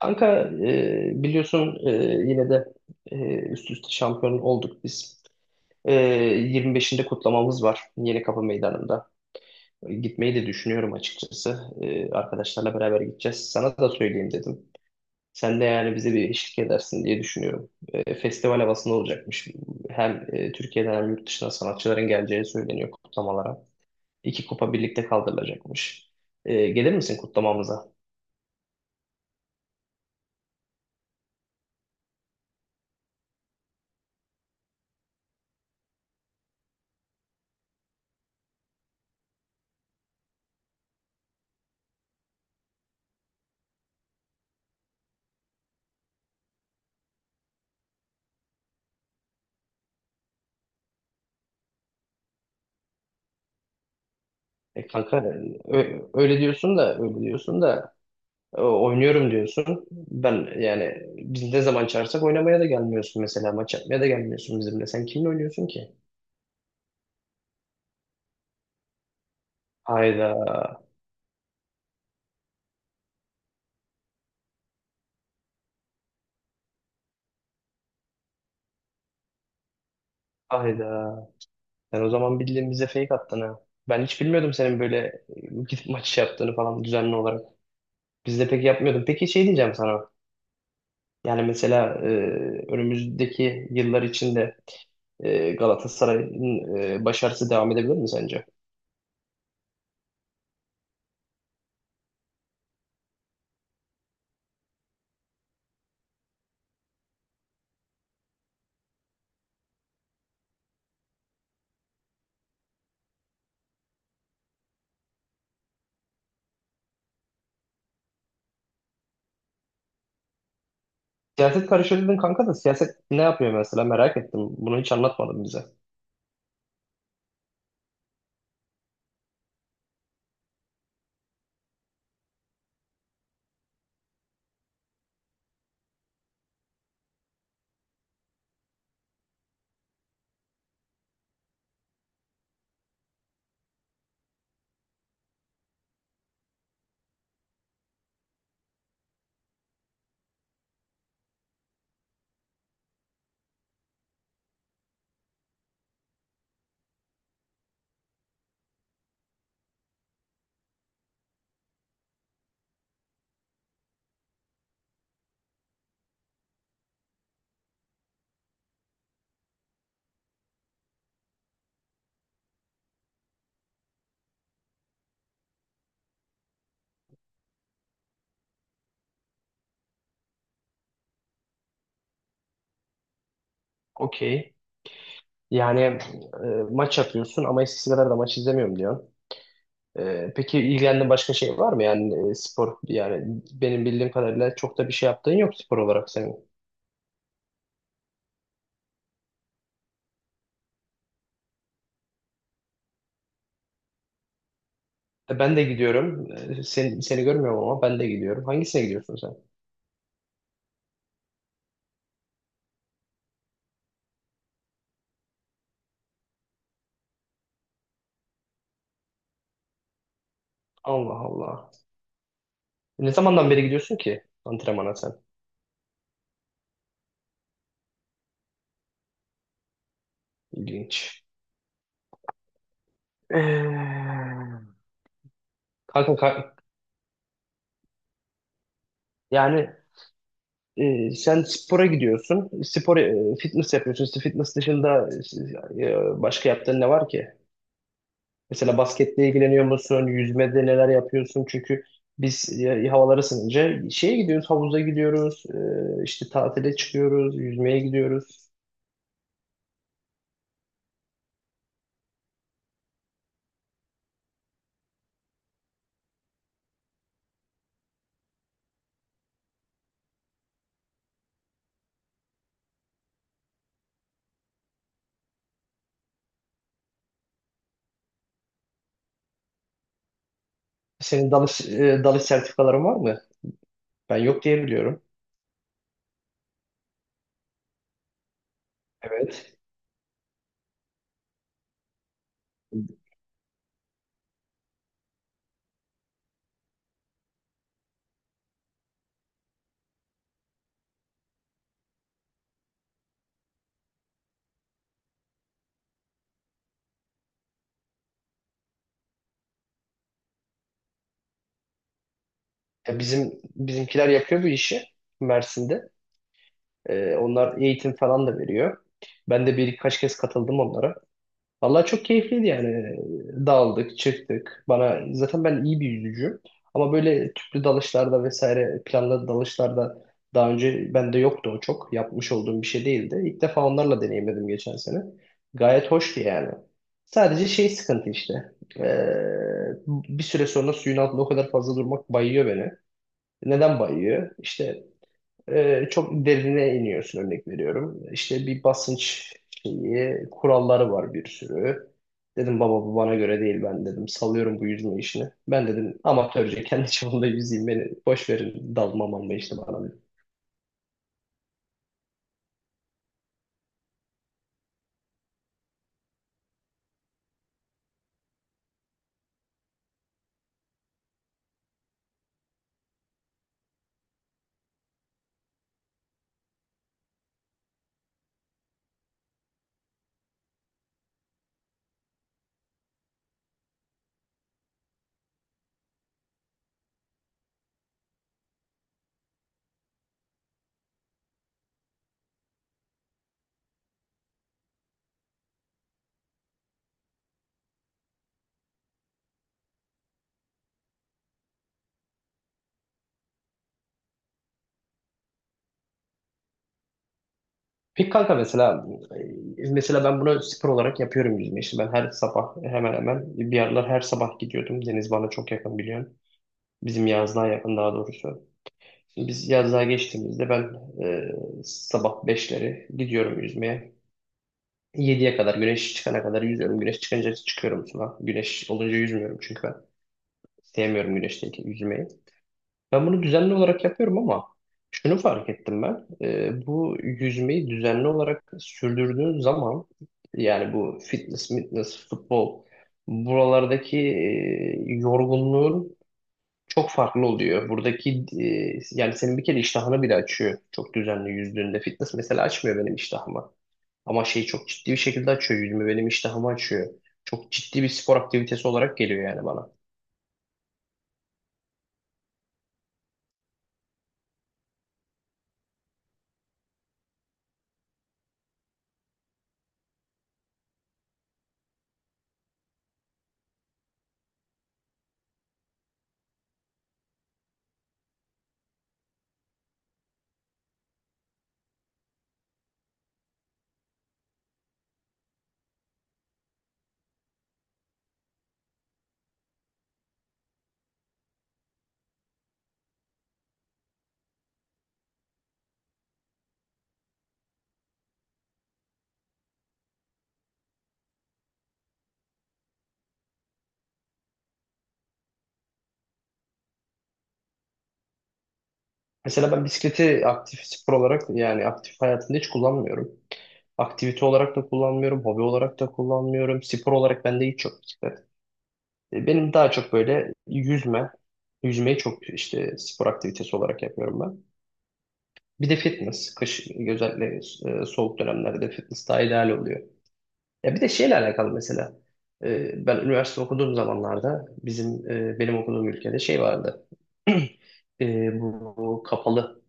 Kanka biliyorsun, yine de üst üste şampiyon olduk biz. E, 25'inde kutlamamız var Yenikapı Meydanı'nda. Gitmeyi de düşünüyorum açıkçası. Arkadaşlarla beraber gideceğiz. Sana da söyleyeyim dedim. Sen de yani bize bir eşlik edersin diye düşünüyorum. Festival havasında olacakmış. Hem Türkiye'den hem yurt dışından sanatçıların geleceği söyleniyor kutlamalara. İki kupa birlikte kaldırılacakmış. Gelir misin kutlamamıza? Kanka, öyle diyorsun da öyle diyorsun da. Oynuyorum diyorsun. Ben yani biz ne zaman çağırsak oynamaya da gelmiyorsun mesela. Maç yapmaya da gelmiyorsun bizimle. Sen kimle oynuyorsun ki? Hayda, hayda. Sen o zaman bildiğin bize fake attın ha. Ben hiç bilmiyordum senin böyle e, gidip maç yaptığını falan düzenli olarak. Biz de pek yapmıyordum. Peki şey diyeceğim sana. Yani mesela önümüzdeki yıllar içinde Galatasaray'ın başarısı devam edebilir mi sence? Siyaset karışıyor dedin kanka da siyaset ne yapıyor mesela merak ettim. Bunu hiç anlatmadın bize. Okey. Yani maç yapıyorsun ama eskisi kadar da maç izlemiyorum diyorsun. Peki ilgilendiğin başka şey var mı? Yani spor yani benim bildiğim kadarıyla çok da bir şey yaptığın yok spor olarak senin. Ben de gidiyorum. Seni görmüyorum ama ben de gidiyorum. Hangisine gidiyorsun sen? Allah Allah. Ne zamandan beri gidiyorsun ki antrenmana sen? İlginç. Eee, Kanka ka- yani, sen spora gidiyorsun. Spor, fitness yapıyorsun. İşte fitness dışında başka yaptığın ne var ki? Mesela basketle ilgileniyor musun? Yüzmede neler yapıyorsun? Çünkü biz havalar ısınınca şeye gidiyoruz, havuza gidiyoruz. E, işte tatile çıkıyoruz, yüzmeye gidiyoruz. Senin dalış sertifikaların var mı? Ben yok diye biliyorum. Evet. Bizim bizimkiler yapıyor bu işi Mersin'de. Onlar eğitim falan da veriyor. Ben de birkaç kez katıldım onlara. Vallahi çok keyifliydi yani. Daldık, çıktık. Bana zaten ben iyi bir yüzücüyüm. Ama böyle tüplü dalışlarda vesaire planlı dalışlarda daha önce bende yoktu o çok. Yapmış olduğum bir şey değildi. İlk defa onlarla deneyimledim geçen sene. Gayet hoştu yani. Sadece şey sıkıntı işte. Ee, Bir süre sonra suyun altında o kadar fazla durmak bayıyor beni. Neden bayıyor? İşte çok derine iniyorsun, örnek veriyorum. İşte bir basınç şeyi, kuralları var bir sürü. Dedim baba bu bana göre değil ben dedim. Salıyorum bu yüzme işini. Ben dedim amatörce kendi çapımda yüzeyim beni. Boş verin dalmam ama işte bana. Dedim. Peki kanka mesela mesela ben bunu spor olarak yapıyorum yüzme işi. Ben her sabah hemen hemen bir aralar her sabah gidiyordum. Deniz bana çok yakın biliyorsun. Bizim yazlığa yakın daha doğrusu. Biz yazlığa geçtiğimizde ben e, sabah beşleri gidiyorum yüzmeye. Yediye kadar güneş çıkana kadar yüzüyorum. Güneş çıkınca çıkıyorum sudan. Güneş olunca yüzmüyorum çünkü ben sevmiyorum güneşteki yüzmeyi. Ben bunu düzenli olarak yapıyorum ama şunu fark ettim ben. Bu yüzmeyi düzenli olarak sürdürdüğün zaman yani bu fitness, futbol buralardaki yorgunluğun çok farklı oluyor. Buradaki yani senin bir kere iştahını bile açıyor çok düzenli yüzdüğünde. Fitness mesela açmıyor benim iştahımı. Ama şey çok ciddi bir şekilde açıyor yüzümü. Benim iştahımı açıyor. Çok ciddi bir spor aktivitesi olarak geliyor yani bana. Mesela ben bisikleti aktif spor olarak yani aktif hayatımda hiç kullanmıyorum. Aktivite olarak da kullanmıyorum, hobi olarak da kullanmıyorum. Spor olarak bende hiç yok bisiklet. Benim daha çok böyle yüzme, yüzmeyi çok işte spor aktivitesi olarak yapıyorum ben. Bir de fitness, kış özellikle soğuk dönemlerde fitness daha ideal oluyor. Ya bir de şeyle alakalı mesela. Ben üniversite okuduğum zamanlarda bizim benim okuduğum ülkede şey vardı. Bu kapalı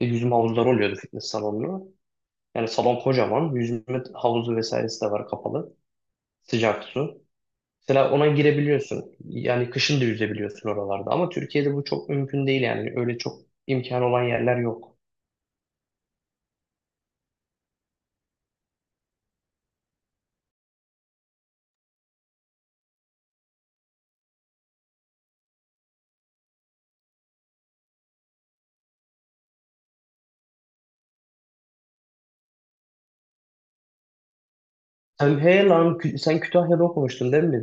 yüzme havuzları oluyordu fitness salonlu. Yani salon kocaman. Yüzme havuzu vesairesi de var kapalı. Sıcak su. Mesela ona girebiliyorsun. Yani kışın da yüzebiliyorsun oralarda. Ama Türkiye'de bu çok mümkün değil yani. Öyle çok imkan olan yerler yok. Sen, hey lan, sen Kütahya'da okumuştun değil mi?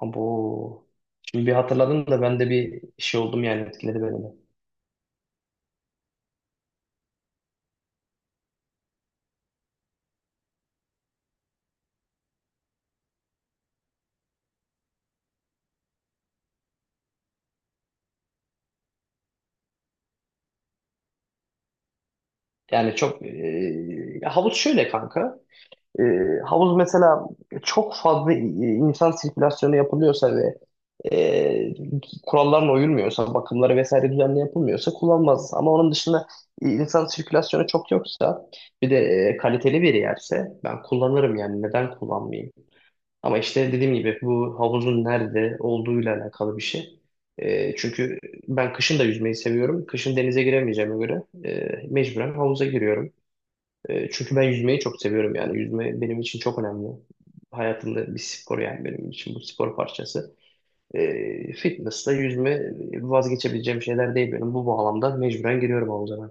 Bu şimdi bir hatırladım da ben de bir şey oldum yani etkiledi beni de. Yani çok havuz şöyle kanka. E, Havuz mesela çok fazla insan sirkülasyonu yapılıyorsa ve e, kurallarına uyulmuyorsa, bakımları vesaire düzenli yapılmıyorsa kullanmaz. Ama onun dışında insan sirkülasyonu çok yoksa bir de kaliteli bir yerse ben kullanırım yani neden kullanmayayım? Ama işte dediğim gibi bu havuzun nerede olduğuyla alakalı bir şey. Çünkü ben kışın da yüzmeyi seviyorum. Kışın denize giremeyeceğime göre mecburen havuza giriyorum. Çünkü ben yüzmeyi çok seviyorum yani. Yüzme benim için çok önemli. Hayatımda bir spor yani benim için bu spor parçası. Fitness'la yüzme vazgeçebileceğim şeyler değil benim. Bu bağlamda mecburen giriyorum havuza ben.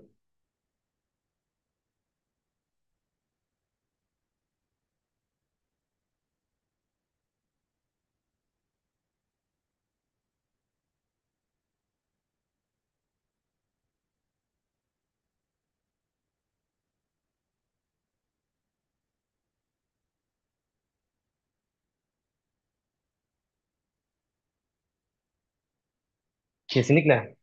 Kesinlikle.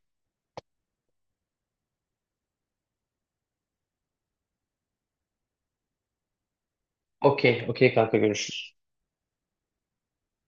Okey, okey kanka, görüşürüz.